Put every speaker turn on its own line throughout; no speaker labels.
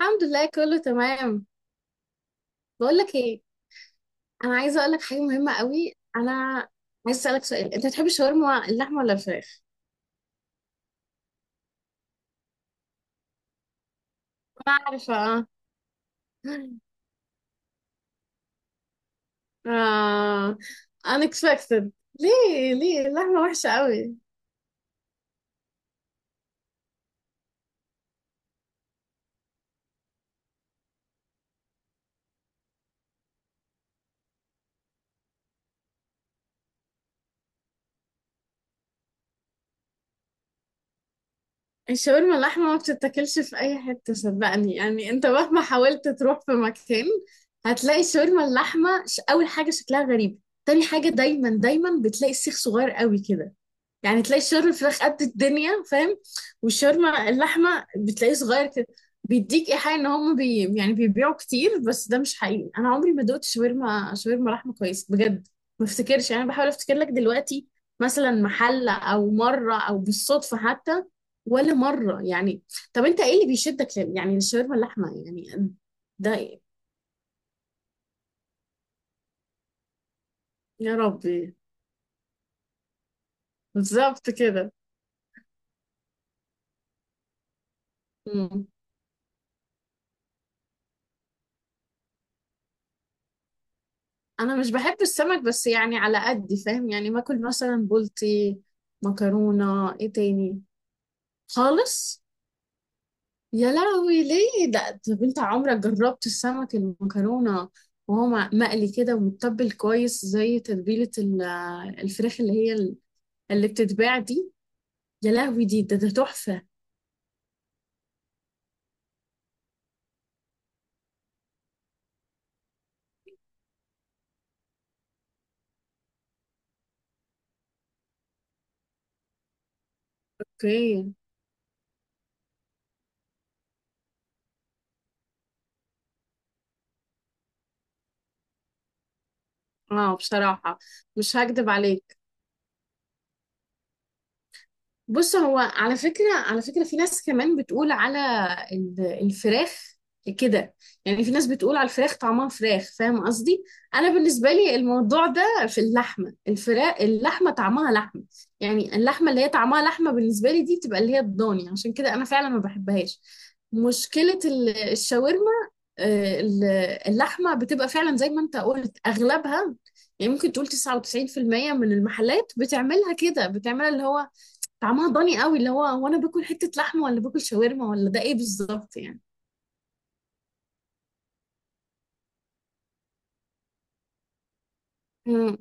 الحمد لله كله تمام. بقول لك ايه؟ انا عايزه اقول لك حاجه مهمه قوي. انا عايزه اسالك سؤال، انت بتحب الشاورما اللحمه ولا الفراخ؟ انا عارفه اه. آه، unexpected. ليه اللحمه وحشه قوي؟ الشاورما اللحمه ما بتتاكلش في اي حته، صدقني يعني. انت مهما حاولت تروح في مكان هتلاقي الشاورما اللحمه. اول حاجه شكلها غريب. تاني حاجه، دايما دايما بتلاقي السيخ صغير قوي كده. يعني تلاقي الشاورما الفراخ قد الدنيا، فاهم؟ والشاورما اللحمه بتلاقيه صغير كده. بيديك ايحاء ان هم يعني بيبيعوا كتير، بس ده مش حقيقي. انا عمري ما دوقت شاورما لحمه كويس بجد. ما افتكرش يعني، أنا بحاول افتكر لك دلوقتي مثلا محل، او مره، او بالصدفه حتى، ولا مره يعني. طب انت ايه اللي بيشدك يعني الشاورما اللحمه يعني؟ ده إيه؟ يا ربي، بالظبط كده. انا مش بحب السمك بس يعني على قد فاهم يعني، باكل مثلا بولتي، مكرونة، ايه تاني. خالص. يا لهوي ليه ده؟ طب انت عمرك جربت السمك المكرونة وهو مقلي كده ومتبل كويس زي تتبيلة الفراخ اللي هي اللي بتتباع دي؟ يا لهوي، دي ده تحفة. اوكي اه، بصراحة مش هكدب عليك. بص هو على فكرة على فكرة، في ناس كمان بتقول على الفراخ كده. يعني في ناس بتقول على الفراخ طعمها فراخ، فاهم قصدي. انا بالنسبة لي الموضوع ده، في اللحمة الفراخ اللحمة طعمها لحمة. يعني اللحمة اللي هي طعمها لحمة بالنسبة لي دي بتبقى اللي هي الضاني، عشان كده انا فعلا ما بحبهاش. مشكلة الشاورما. آه، ال- اللحمة بتبقى فعلا زي ما انت قلت، اغلبها يعني ممكن تقول 99% من المحلات بتعملها كده، اللي هو طعمها ضاني قوي، اللي هو انا باكل حتة لحمة ولا باكل شاورما ولا ده ايه بالظبط يعني. مم.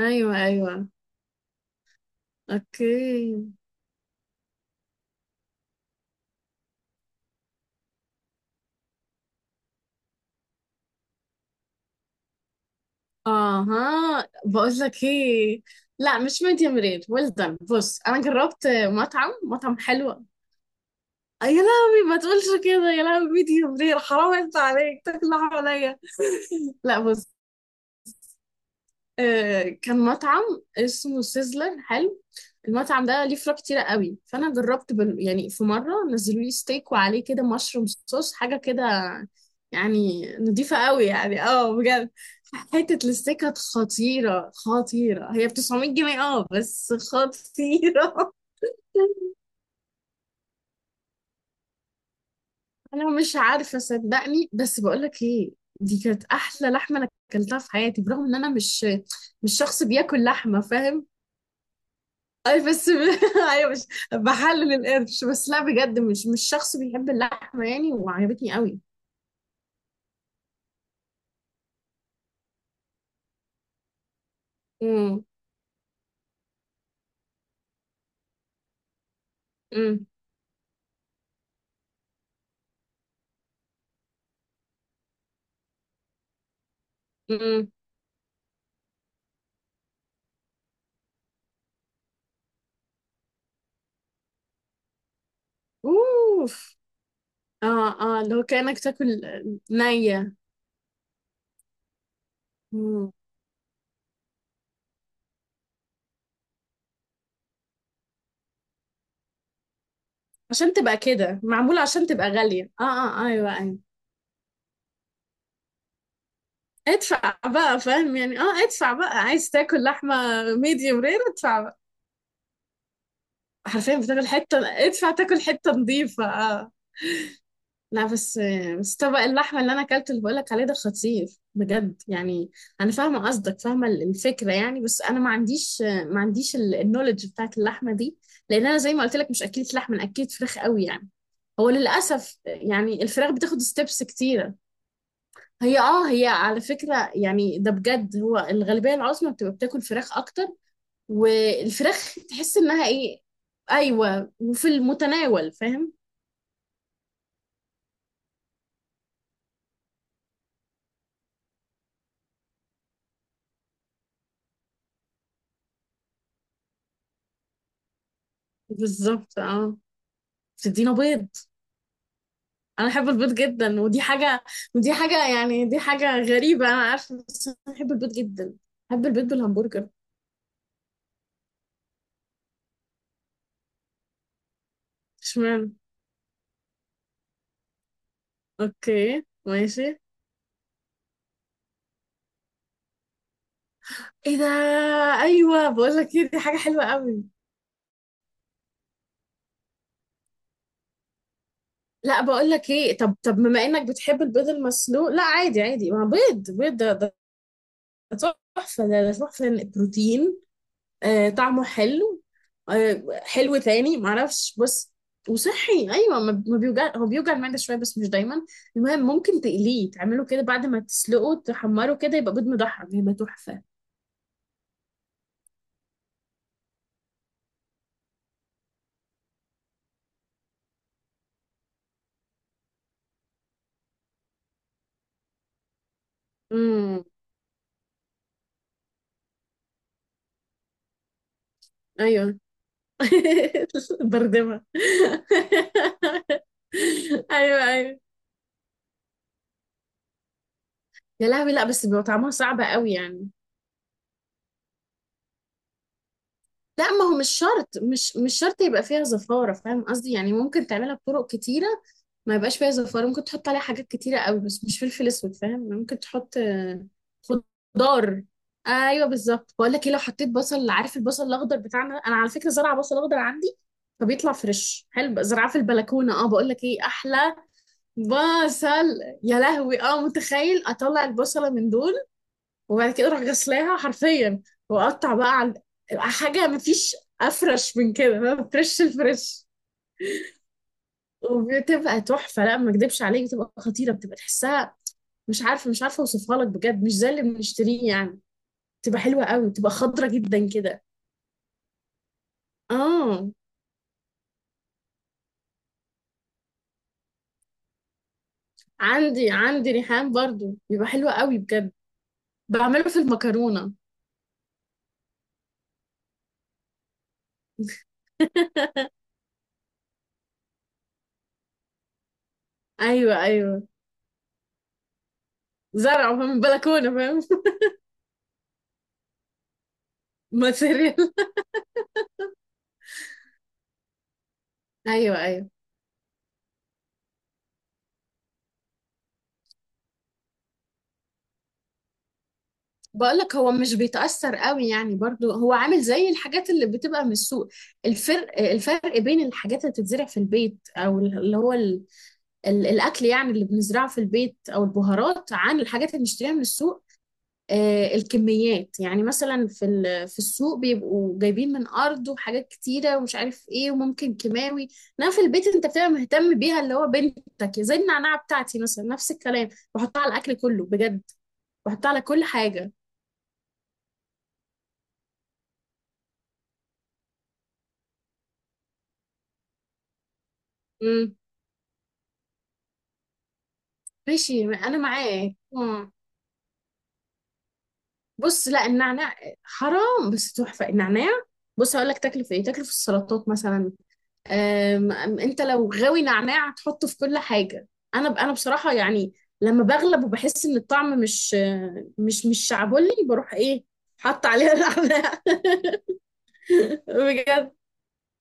ايوه ايوه. اوكي. اها، بقول لك ايه، لا مش ميديم رير، ويل دان. بص انا جربت مطعم حلو. يا لهوي ما تقولش كده يا لهوي، ميديم رير حرام، انت عليك تاكل لحمة نية. لا بص، كان مطعم اسمه سيزلر حلو. المطعم ده ليه فروع كتيرة قوي، فأنا جربت يعني في مرة نزلوا لي ستيك وعليه كده مشروم صوص، حاجة كده. يعني نضيفة قوي، يعني اه بجد. حتة الستيك كانت خطيرة خطيرة، هي ب 900 جنيه اه بس خطيرة. أنا مش عارفة صدقني، بس بقولك ايه، دي كانت أحلى لحمة أنا أكلتها في حياتي، برغم إن أنا مش شخص بياكل لحمة، فاهم. اي بس ايوه، مش بحلل القرش، بس لا بجد، مش شخص بيحب اللحمه يعني، وعجبتني قوي. امم امم امم اوف. اه اه، لو كانك تاكل نيه. مم. عشان تبقى كده معموله، عشان تبقى غاليه اه اه ايوه ايوه. ادفع بقى فاهم يعني اه، ادفع بقى عايز تاكل لحمه. ميديوم رير ادفع بقى. حرفيا بتاكل حته، ادفع تاكل حته نظيفه اه. لا بس، طبق اللحمة اللي أنا أكلته اللي بقولك عليه ده خطير بجد يعني. أنا فاهمة قصدك، فاهمة الفكرة يعني. بس أنا ما عنديش النولج بتاعت اللحمة دي، لأن أنا زي ما قلت لك مش أكلة لحمة، أنا أكلة فراخ قوي يعني. هو للأسف يعني الفراخ بتاخد ستيبس كتيرة. هي على فكرة يعني، ده بجد، هو الغالبية العظمى بتبقى بتاكل فراخ أكتر. والفراخ تحس إنها إيه، أيوة، وفي المتناول فاهم. بالظبط اه. بتدينا بيض، انا بحب البيض جدا. ودي حاجه، يعني دي حاجه غريبه انا عارفه، بس انا بحب البيض جدا. بحب البيض بالهمبرجر. اشمعنى. اوكي ماشي. ايه ده؟ ايوه بقول لك ايه، دي حاجه حلوه قوي. لا بقول لك ايه، طب بما انك بتحب البيض المسلوق، لا عادي عادي، ما بيض بيض ده تحفه، ده تحفه. بروتين. طعمه حلو. حلو تاني، معرفش بس. وصحي ايوه، ما بيوجع، هو بيوجع المعده شويه بس مش دايما. المهم ممكن تقليه، تعمله كده بعد ما تسلقه تحمره كده، يبقى بيض مدحرج هيبقى تحفه. امم ايوه. بردمه ايوه ايوه. يا لهوي، لا بس بيبقى طعمها صعب قوي يعني. لا ما هو مش شرط، مش شرط يبقى فيها زفارة، فاهم قصدي يعني. ممكن تعملها بطرق كتيرة ما يبقاش فيها زفارة، ممكن تحط عليها حاجات كتيرة قوي بس مش فلفل اسود، فاهم. ممكن تحط خضار. ايوه بالظبط، بقول لك ايه، لو حطيت بصل، عارف البصل الاخضر بتاعنا، انا على فكرة زرعة بصل اخضر عندي، فبيطلع فريش حلو بقى، زرعة في البلكونة اه. بقول لك ايه، احلى بصل. يا لهوي اه، متخيل اطلع البصلة من دول، وبعد كده اروح غسلاها حرفيا، واقطع بقى على حاجه، مفيش افرش من كده فاهم، فريش الفريش. وبتبقى تحفه، لا ما اكدبش عليك بتبقى خطيره، بتبقى تحسها. مش عارفه اوصفها لك بجد، مش زي اللي بنشتريه يعني. بتبقى حلوه قوي، بتبقى خضره جدا كده. اه عندي ريحان برضو بيبقى حلو قوي بجد، بعمله في المكرونه. ايوه ايوه. زرعه من البلكونه فاهم. ماتيريال. ايوه ايوه. بقولك هو مش بيتأثر قوي يعني برضو، هو عامل زي الحاجات اللي بتبقى من السوق. الفرق بين الحاجات اللي بتتزرع في البيت، او اللي هو الاكل يعني اللي بنزرعه في البيت او البهارات، عن الحاجات اللي بنشتريها من السوق. الكميات يعني مثلا في في السوق بيبقوا جايبين من ارض وحاجات كتيرة ومش عارف ايه، وممكن كيماوي. انما في البيت انت بتبقى مهتم بيها، اللي هو بنتك. زي النعناع بتاعتي مثلا نفس الكلام، بحطها على الاكل كله بجد، بحطها على كل حاجة. ماشي انا معاك. مم. بص لا، النعناع حرام، بس تحفه النعناع. بص هقول لك تاكله في ايه، تاكله في السلطات مثلا. أم أم انت لو غاوي نعناع هتحطه في كل حاجه. انا بصراحه يعني، لما بغلب وبحس ان الطعم مش مش شعبولي، بروح ايه، حط عليها نعناع. بجد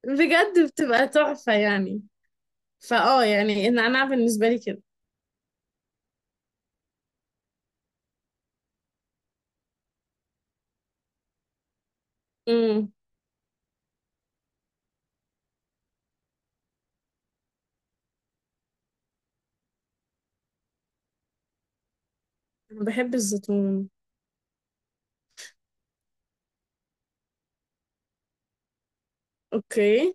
بجد بتبقى تحفه يعني. فاه يعني النعناع بالنسبه لي كده. امم بحب الزيتون. اوكي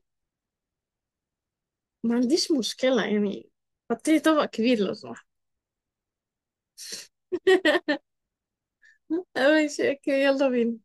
ما عنديش مشكلة يعني، حطيلي طبق كبير لو سمحت. ماشي، اوكي، يلا بينا.